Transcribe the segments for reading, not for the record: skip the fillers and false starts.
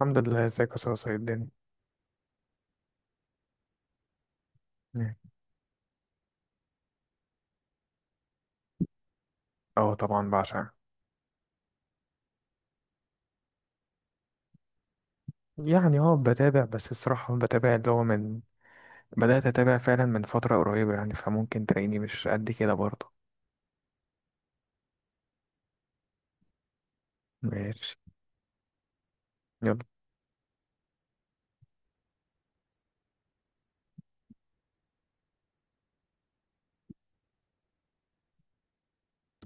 الحمد لله، ازيك يا صاصة؟ ايه الدنيا؟ مم. اه، طبعا بعشقها. يعني بتابع، بس الصراحة بتابع اللي هو من بدأت أتابع فعلا من فترة قريبة، يعني فممكن تلاقيني مش قد كده برضه. ماشي. يلا.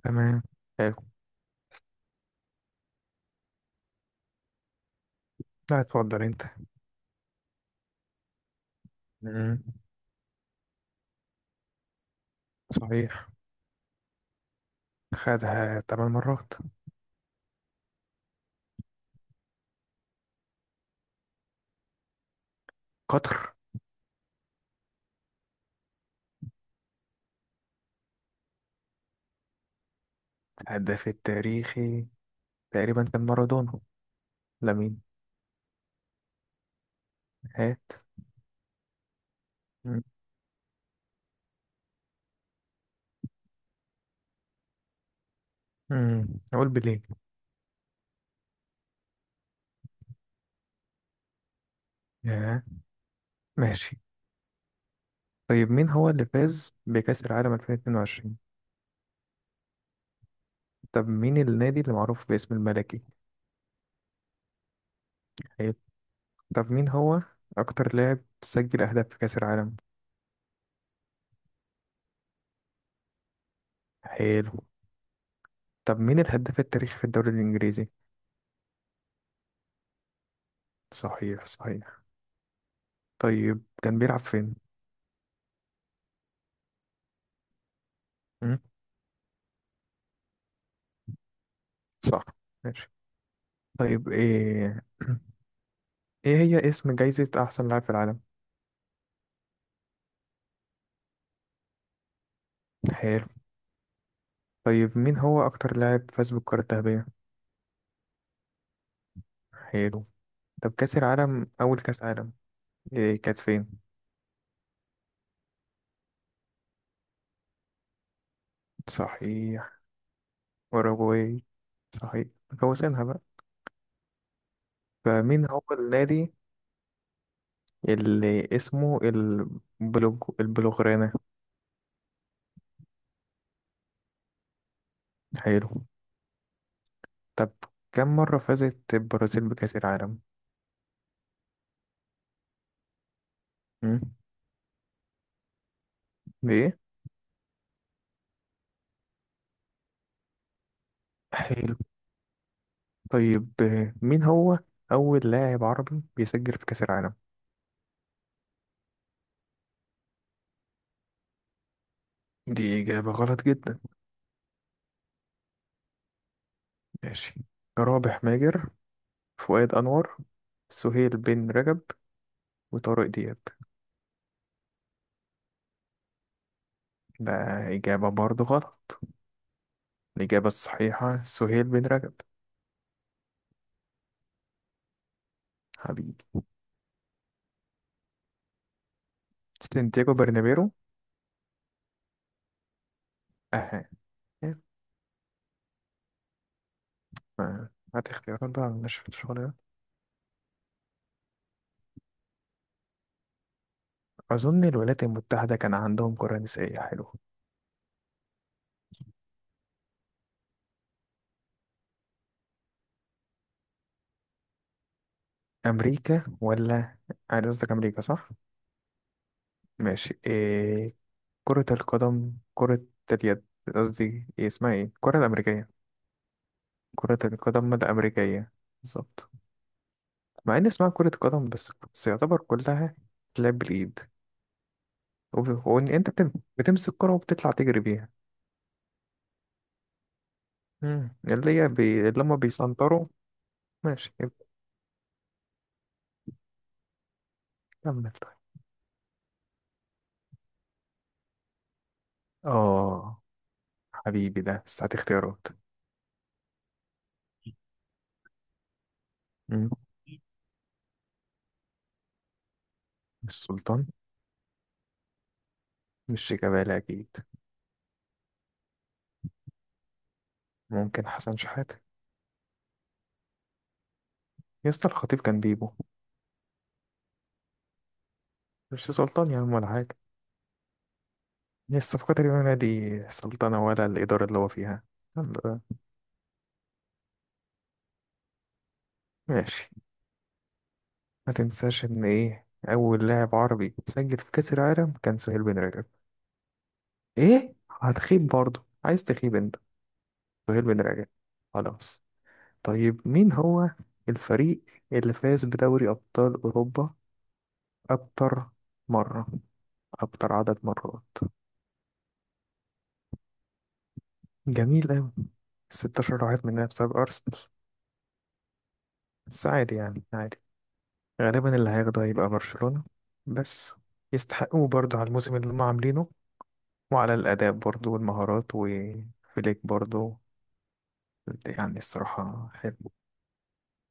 تمام. حلو. لا، اتفضل انت. مم. صحيح. خدها 8 مرات. قطر. الهداف التاريخي تقريبا كان مارادونا. لامين. هات. مم. مم. اقول بليه. ياه. ماشي. طيب، مين هو اللي فاز بكأس العالم 2022؟ طب مين النادي اللي معروف باسم الملكي؟ حلو. طب مين هو أكتر لاعب سجل أهداف في كأس العالم؟ حلو. طب مين الهداف التاريخي في الدوري الإنجليزي؟ صحيح، صحيح. طيب كان بيلعب فين؟ مم، صح. ماشي. طيب إيه هي اسم جايزة أحسن لاعب في العالم؟ حلو. طيب مين هو أكتر لاعب فاز بالكرة الذهبية؟ حلو. طب كأس العالم أول كأس عالم، إيه كانت فين؟ صحيح. أوروجواي. صحيح. فوزينها بقى. فمين هو النادي اللي اسمه البلوغرانة؟ حلو. طب كم مرة فازت البرازيل بكأس العالم؟ مم. بإيه؟ حلو. طيب، مين هو أول لاعب عربي بيسجل في كأس العالم؟ دي إجابة غلط جدا. ماشي. رابح ماجر، فؤاد أنور، سهيل بن رجب، وطارق دياب. ده إجابة برضو غلط. الإجابة الصحيحة سهيل بن رجب. حبيبي. سانتياغو برنابيرو. أها. آه، هات اختيارات بقى من نشرة الشغل ده. أظن الولايات المتحدة كان عندهم قرى نسائية حلوة. أمريكا ولا أنا قصدك أمريكا صح؟ ماشي. كرة القدم، كرة اليد. قصدي إيه اسمها إيه؟ الكرة الأمريكية. كرة القدم الأمريكية. بالظبط. مع إن اسمها كرة قدم، بس بس يعتبر كلها لعب بالإيد. وإن أنت بتمسك كرة وبتطلع تجري بيها. اللي هما بيسنطروا. ماشي. كمل طيب. اه. حبيبي، ده بس هات اختيارات. مم. مش سلطان. مش شيكابالا أكيد. ممكن حسن شحاتة. يا اسطى، الخطيب كان بيبو. مش سلطان يا عم، ولا حاجة. هي الصفقة اليومية دي سلطنة، ولا الإدارة اللي هو فيها؟ الحمد لله. ماشي. ما تنساش إن أول لاعب عربي سجل في كأس العالم كان سهيل بن رجب. إيه؟ هتخيب برضه؟ عايز تخيب أنت؟ سهيل بن رجب. خلاص. طيب مين هو الفريق اللي فاز بدوري أبطال أوروبا أكتر مرة أكتر عدد مرات؟ جميل أوي. 16 واحد مننا بسبب أرسنال. بس عادي يعني عادي. غالبا اللي هياخده هيبقى برشلونة. بس يستحقوه برضه على الموسم اللي هم عاملينه، وعلى الأداء برضه والمهارات وفليك برضه، يعني الصراحة حلو.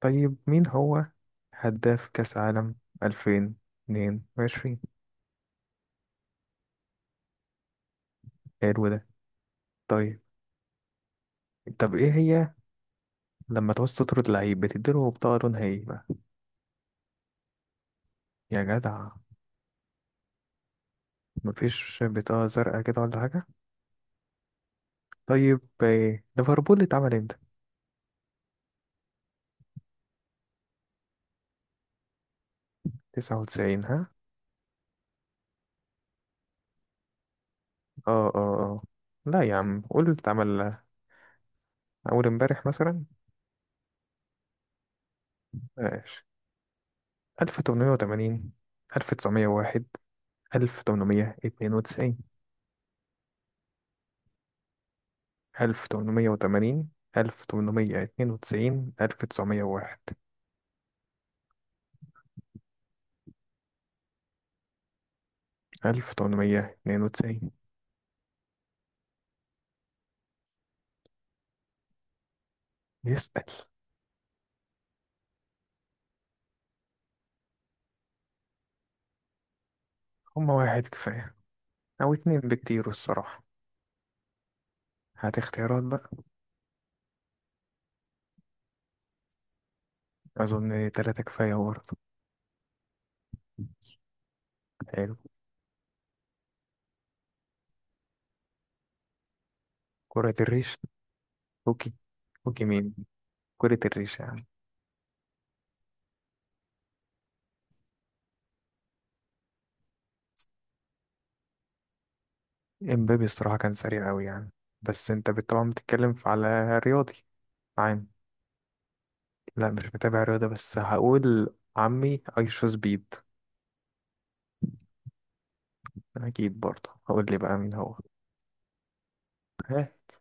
طيب مين هو هداف كأس عالم 2022؟ حلو ده. طيب. طب ايه هي لما تعوز تطرد لعيب بتديله بطاقة لونها ايه بقى؟ يا جدع. مفيش بطاقة زرقاء كده ولا حاجة؟ طيب، ليفربول اتعمل امتى؟ 99، ها؟ اه، اه، اه. لا يا عم، قول اتعمل اول امبارح مثلا. ماشي. 1880، 1901، 1892. 1880، 1892، 1901. 1892. يسأل. هما واحد كفاية. أو اتنين بكتير الصراحة. هات اختيارات بقى. أظن تلاتة كفاية برضه. حلو. كرة الريش. هوكي. هوكي مين؟ كرة الريشة يعني. امبابي الصراحة كان سريع أوي يعني. بس انت طبعا بتتكلم على رياضي عام. لا، مش متابع رياضة، بس هقول عمي ايشو سبيد. أكيد برضه هقول لي بقى مين هو. هات.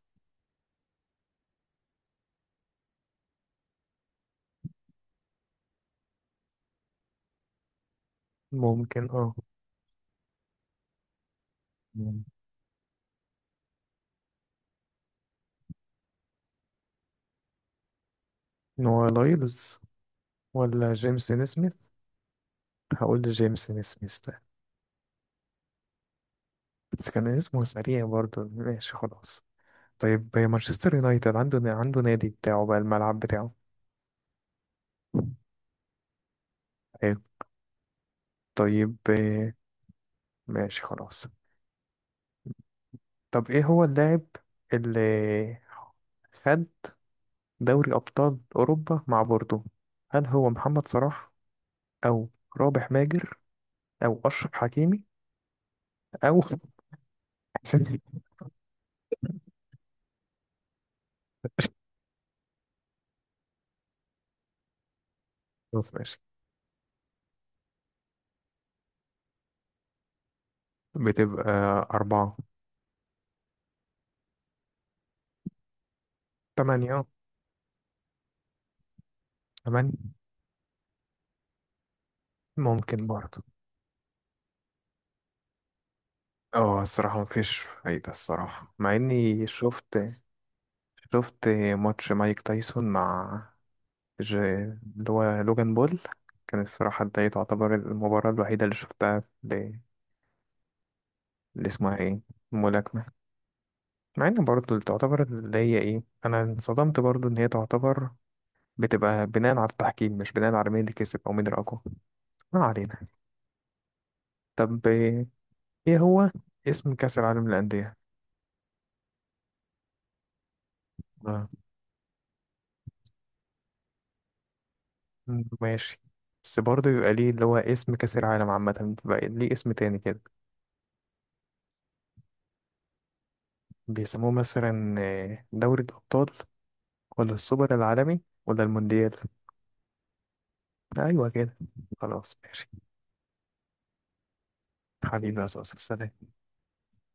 ممكن اه. نوع لايلز، ولا جيمسون سميث؟ هقول جيمسون سميث ده. بس كان اسمه سريع برضه، ماشي خلاص. طيب مانشستر يونايتد عنده نادي بتاعه بقى الملعب بتاعه؟ حلو. طيب، ماشي خلاص. طب ايه هو اللاعب اللي خد دوري أبطال أوروبا مع بوردو؟ هل هو محمد صلاح أو رابح ماجر أو أشرف حكيمي أو حسين البدري؟ خلاص، ماشي. بتبقى أربعة. تمانية. تمانية. ممكن برضه. اه الصراحة مفيش فايدة الصراحة مع إني شفت شفت ماتش مايك تايسون مع اللي هو لوجان بول. كان الصراحة، ده تعتبر المباراة الوحيدة اللي شفتها. اللي اسمها ايه، ملاكمة. مع ان برضه اللي تعتبر اللي هي ايه انا انصدمت برضه ان هي تعتبر بتبقى بناء على التحكيم، مش بناء على مين اللي كسب او مين الاقوى. ما علينا. طب إيه هو اسم كأس العالم للأندية؟ آه. مم، ماشي. بس برضه يبقى ليه اللي هو اسم كأس العالم عامة، بقى ليه اسم تاني كده؟ بيسموه مثلا دوري الأبطال، ولا السوبر العالمي ولا المونديال؟ أيوة كده. خلاص، ماشي. حبيبي يا صوص، السلام.